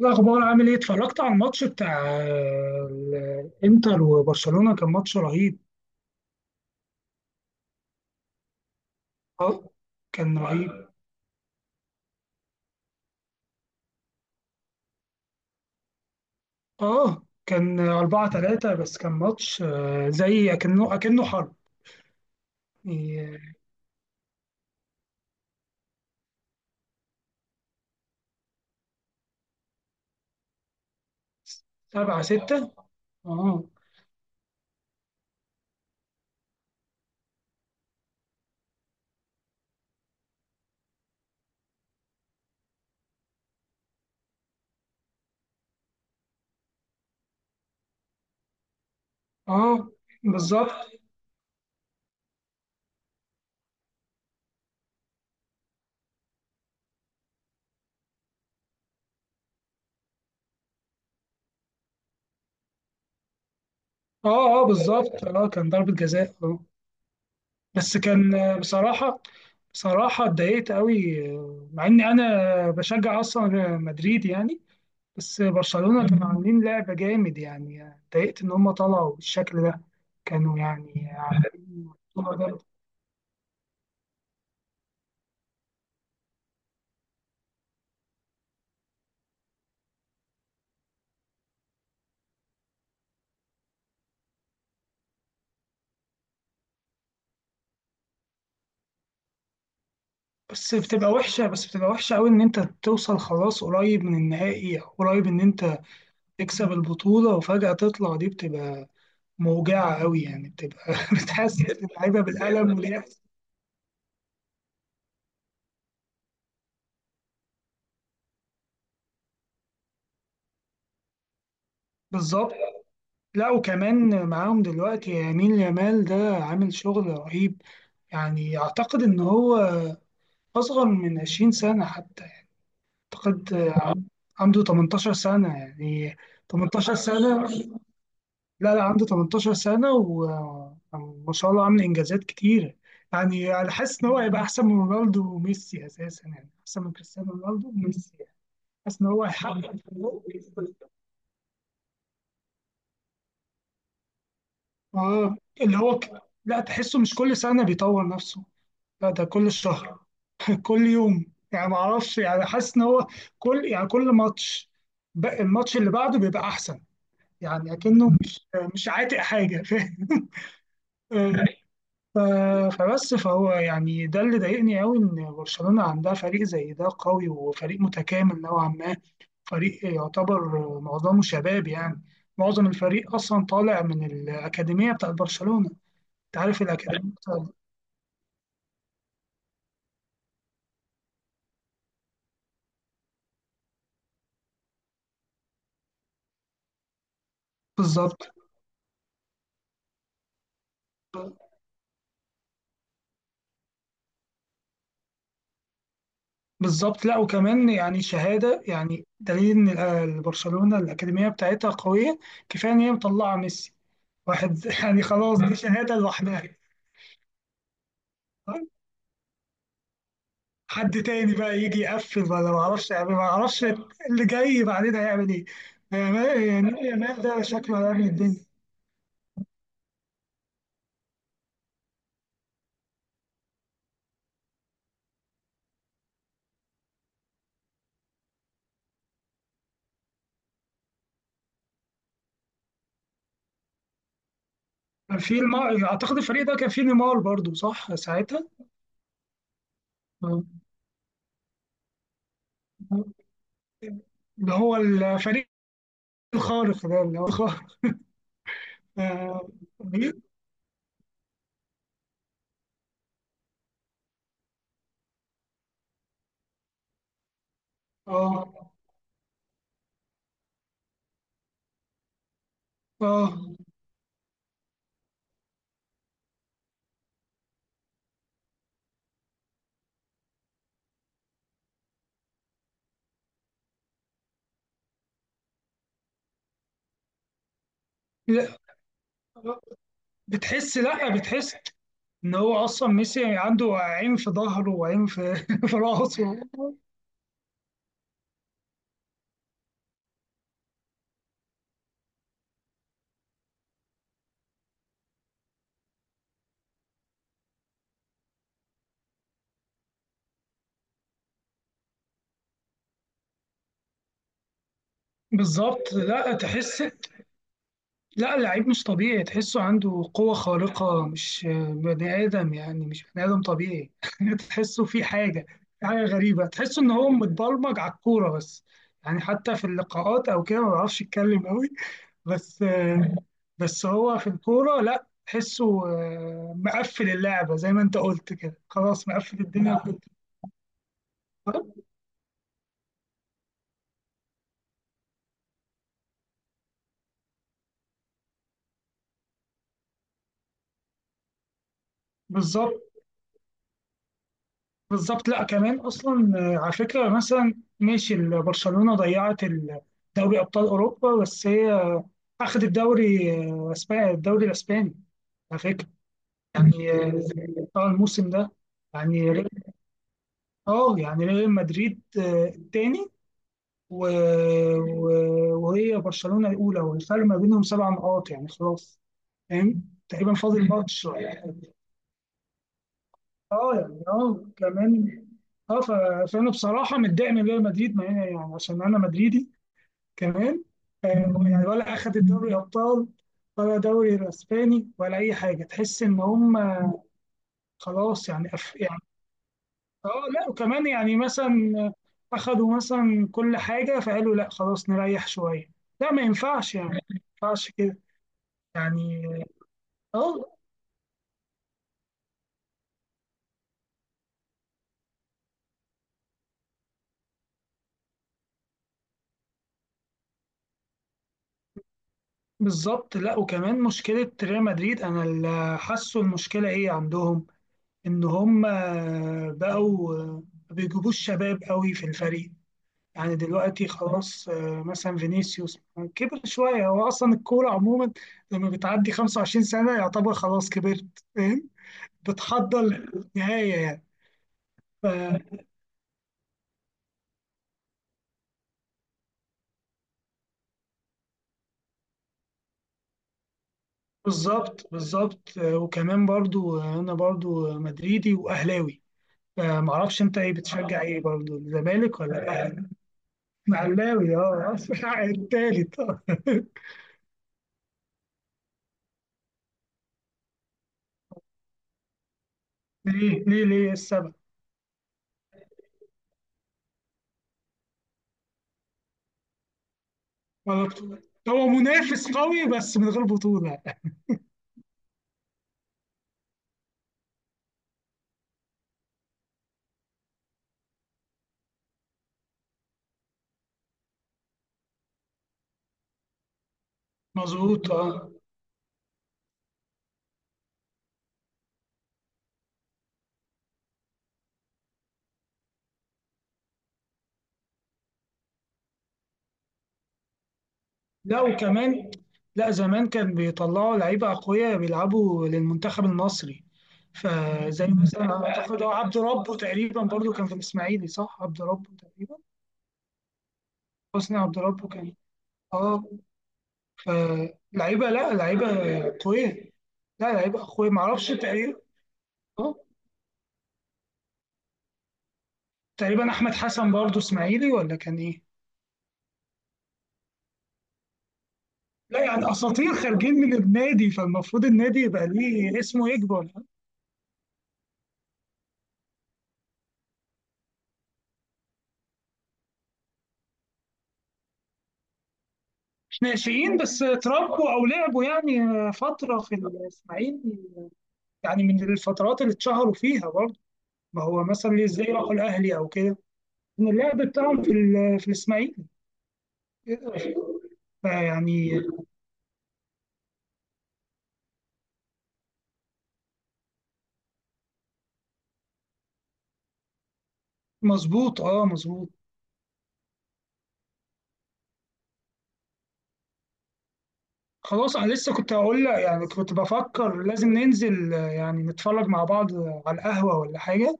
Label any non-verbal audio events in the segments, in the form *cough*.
إيه الأخبار عامل إيه؟ اتفرجت على الماتش بتاع الإنتر وبرشلونة، كان ماتش رهيب. أه، كان رهيب. أه، كان 4-3، بس كان ماتش زي أكنه حرب يعني. 7-6. أه، أه، بالظبط. أه، أه، بالظبط، أه كان ضربة جزاء أه. بس كان بصراحة، بصراحة اتضايقت قوي، مع إني أنا بشجع أصلا مدريد يعني. بس برشلونة كانوا عاملين لعبة جامد، يعني اتضايقت إن هم طلعوا بالشكل ده. كانوا يعني عاملين بطولة جامدة. بس بتبقى وحشة، بس بتبقى وحشة أوي إن أنت توصل خلاص قريب من النهائي، أو قريب إن أنت تكسب البطولة وفجأة تطلع دي، بتبقى موجعة أوي يعني، بتبقى *laughs* بتحسس اللعيبة بالألم واليأس. بالظبط. لا وكمان معاهم دلوقتي يمين يامال ده، عامل شغل رهيب. يعني أعتقد إن هو أصغر من 20 سنة حتى. اعتقد عنده 18 سنة يعني. 18 سنة. لا لا، عنده 18 سنة، وما شاء الله عامل انجازات كتير. يعني انا حاسس ان هو هيبقى احسن من رونالدو وميسي اساسا، يعني احسن من كريستيانو رونالدو وميسي يعني. حاسس ان هو هيحقق. اه، اللي هو لا، تحسه مش كل سنة بيطور نفسه، لا ده كل شهر، *laughs* كل يوم. يعني ما اعرفش، يعني حاسس ان هو كل، يعني كل ماتش، الماتش اللي بعده بيبقى احسن. يعني اكنه مش مش عاتق حاجه. *laughs* فاهم. ف- فبس فهو يعني ده اللي ضايقني قوي، ان برشلونه عندها فريق زي ده قوي وفريق متكامل نوعا ما. فريق يعتبر معظمه شباب يعني، معظم الفريق اصلا طالع من الاكاديميه بتاعت برشلونه. انت عارف الاكاديميه بالظبط. بالظبط. لا وكمان يعني شهاده، يعني دليل ان برشلونه الاكاديميه بتاعتها قويه. كفايه ان هي مطلعه ميسي واحد، *laughs* يعني خلاص دي شهاده لوحدها. حد تاني بقى يجي يقفل، ولا ما اعرفش يعني، ما اعرفش اللي جاي بعدين هيعمل ايه. يعني يعني يامال ده شكله هيعمل الدنيا. كان في المار اعتقد الفريق ده كان فيه نيمار برضو، صح ساعتها؟ آه. اللي هو الفريق الخارق ده، اللي هو خارق. اه. اه. آه. لا، بتحس، لا بتحس ان هو اصلا ميسي عنده عين في ظهره وعين في *laughs* في راسه. بالظبط. لا تحس، لا اللعيب مش طبيعي، تحسه عنده قوة خارقة، مش بني آدم، يعني مش بني آدم طبيعي. *laughs* تحسه في حاجة، في حاجة غريبة، تحسه إن هو متبرمج على الكورة بس. يعني حتى في اللقاءات أو كده ما بيعرفش يتكلم أوي. بس بس هو في الكورة، لا تحسه مقفل اللعبة زي ما أنت قلت كده، خلاص مقفل الدنيا. بالظبط. بالظبط. لا كمان اصلا، على فكره مثلا، ماشي، برشلونه ضيعت دوري ابطال اوروبا، بس هي اخذت الدوري اسباني، الدوري الاسباني على فكره. يعني اه، الموسم ده. يعني اه، يعني ريال مدريد التاني، و- وهي برشلونه الاولى، والفرق ما بينهم سبع نقاط يعني خلاص. فاهم. تقريبا فاضل ماتش اه يعني، اه كمان، اه فانا بصراحه متضايق من ريال مدريد، مع يعني عشان انا مدريدي كمان. آه، يعني ولا اخد الدوري ابطال، ولا دوري الاسباني، ولا اي حاجه. تحس ان هم خلاص يعني يعني اه. لا وكمان يعني مثلا اخدوا مثلا كل حاجه، فقالوا لا خلاص نريح شويه، لا ما ينفعش، يعني ما ينفعش كده. يعني اه، بالظبط. لا وكمان مشكله ريال مدريد انا اللي حاسه المشكله ايه عندهم، ان هم بقوا ما بيجيبوش شباب قوي في الفريق. يعني دلوقتي خلاص، مثلا فينيسيوس كبر شويه. هو اصلا الكوره عموما لما بتعدي 25 سنه يعتبر خلاص كبرت، فاهم، بتحضر للنهايه يعني. ف- بالظبط. بالظبط، وكمان برضو، انا برضو مدريدي واهلاوي. فمعرفش انت ايه، بتشجع ايه برضو، الزمالك ولا الاهلي؟ اهلاوي اه، *laughs* التالت آه. ليه ليه ليه السبب؟ غلط. هو منافس قوي بس من غير بطولة. مظبوط اه. لا وكمان، لا زمان كان بيطلعوا لعيبة أقوياء بيلعبوا للمنتخب المصري. فزي مثلا أعتقد هو عبد ربه تقريبا برضو كان في الإسماعيلي، صح؟ عبد ربه تقريبا، حسني عبد ربه، كان اه. فلعيبة، لا لعيبة قوية، لا لعيبة قوية معرفش. تقريبا اه، تقريبا أحمد حسن برضو إسماعيلي، ولا كان إيه؟ لا يعني أساطير خارجين من النادي، فالمفروض النادي يبقى ليه اسمه يكبر. ناشئين، بس اتربوا او لعبوا يعني فتره في الاسماعيلي، يعني من الفترات اللي اتشهروا فيها برضه. ما هو مثلا ازاي راحوا الاهلي او كده، من اللعب بتاعهم في ال- في الاسماعيلي يعني. مظبوط اه مظبوط. خلاص انا لسه كنت هقول لك، يعني كنت بفكر لازم ننزل يعني نتفرج مع بعض على القهوه ولا حاجه.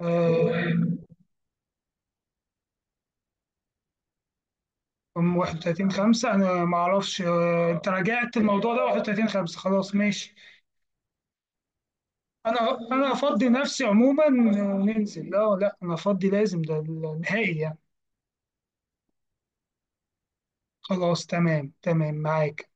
آه، يوم 31/5، انا ما اعرفش انت راجعت الموضوع ده. 31/5 خلاص ماشي. انا افضي نفسي عموما ننزل، لا لا انا افضي، لازم ده النهائي يعني. خلاص تمام، تمام معاك.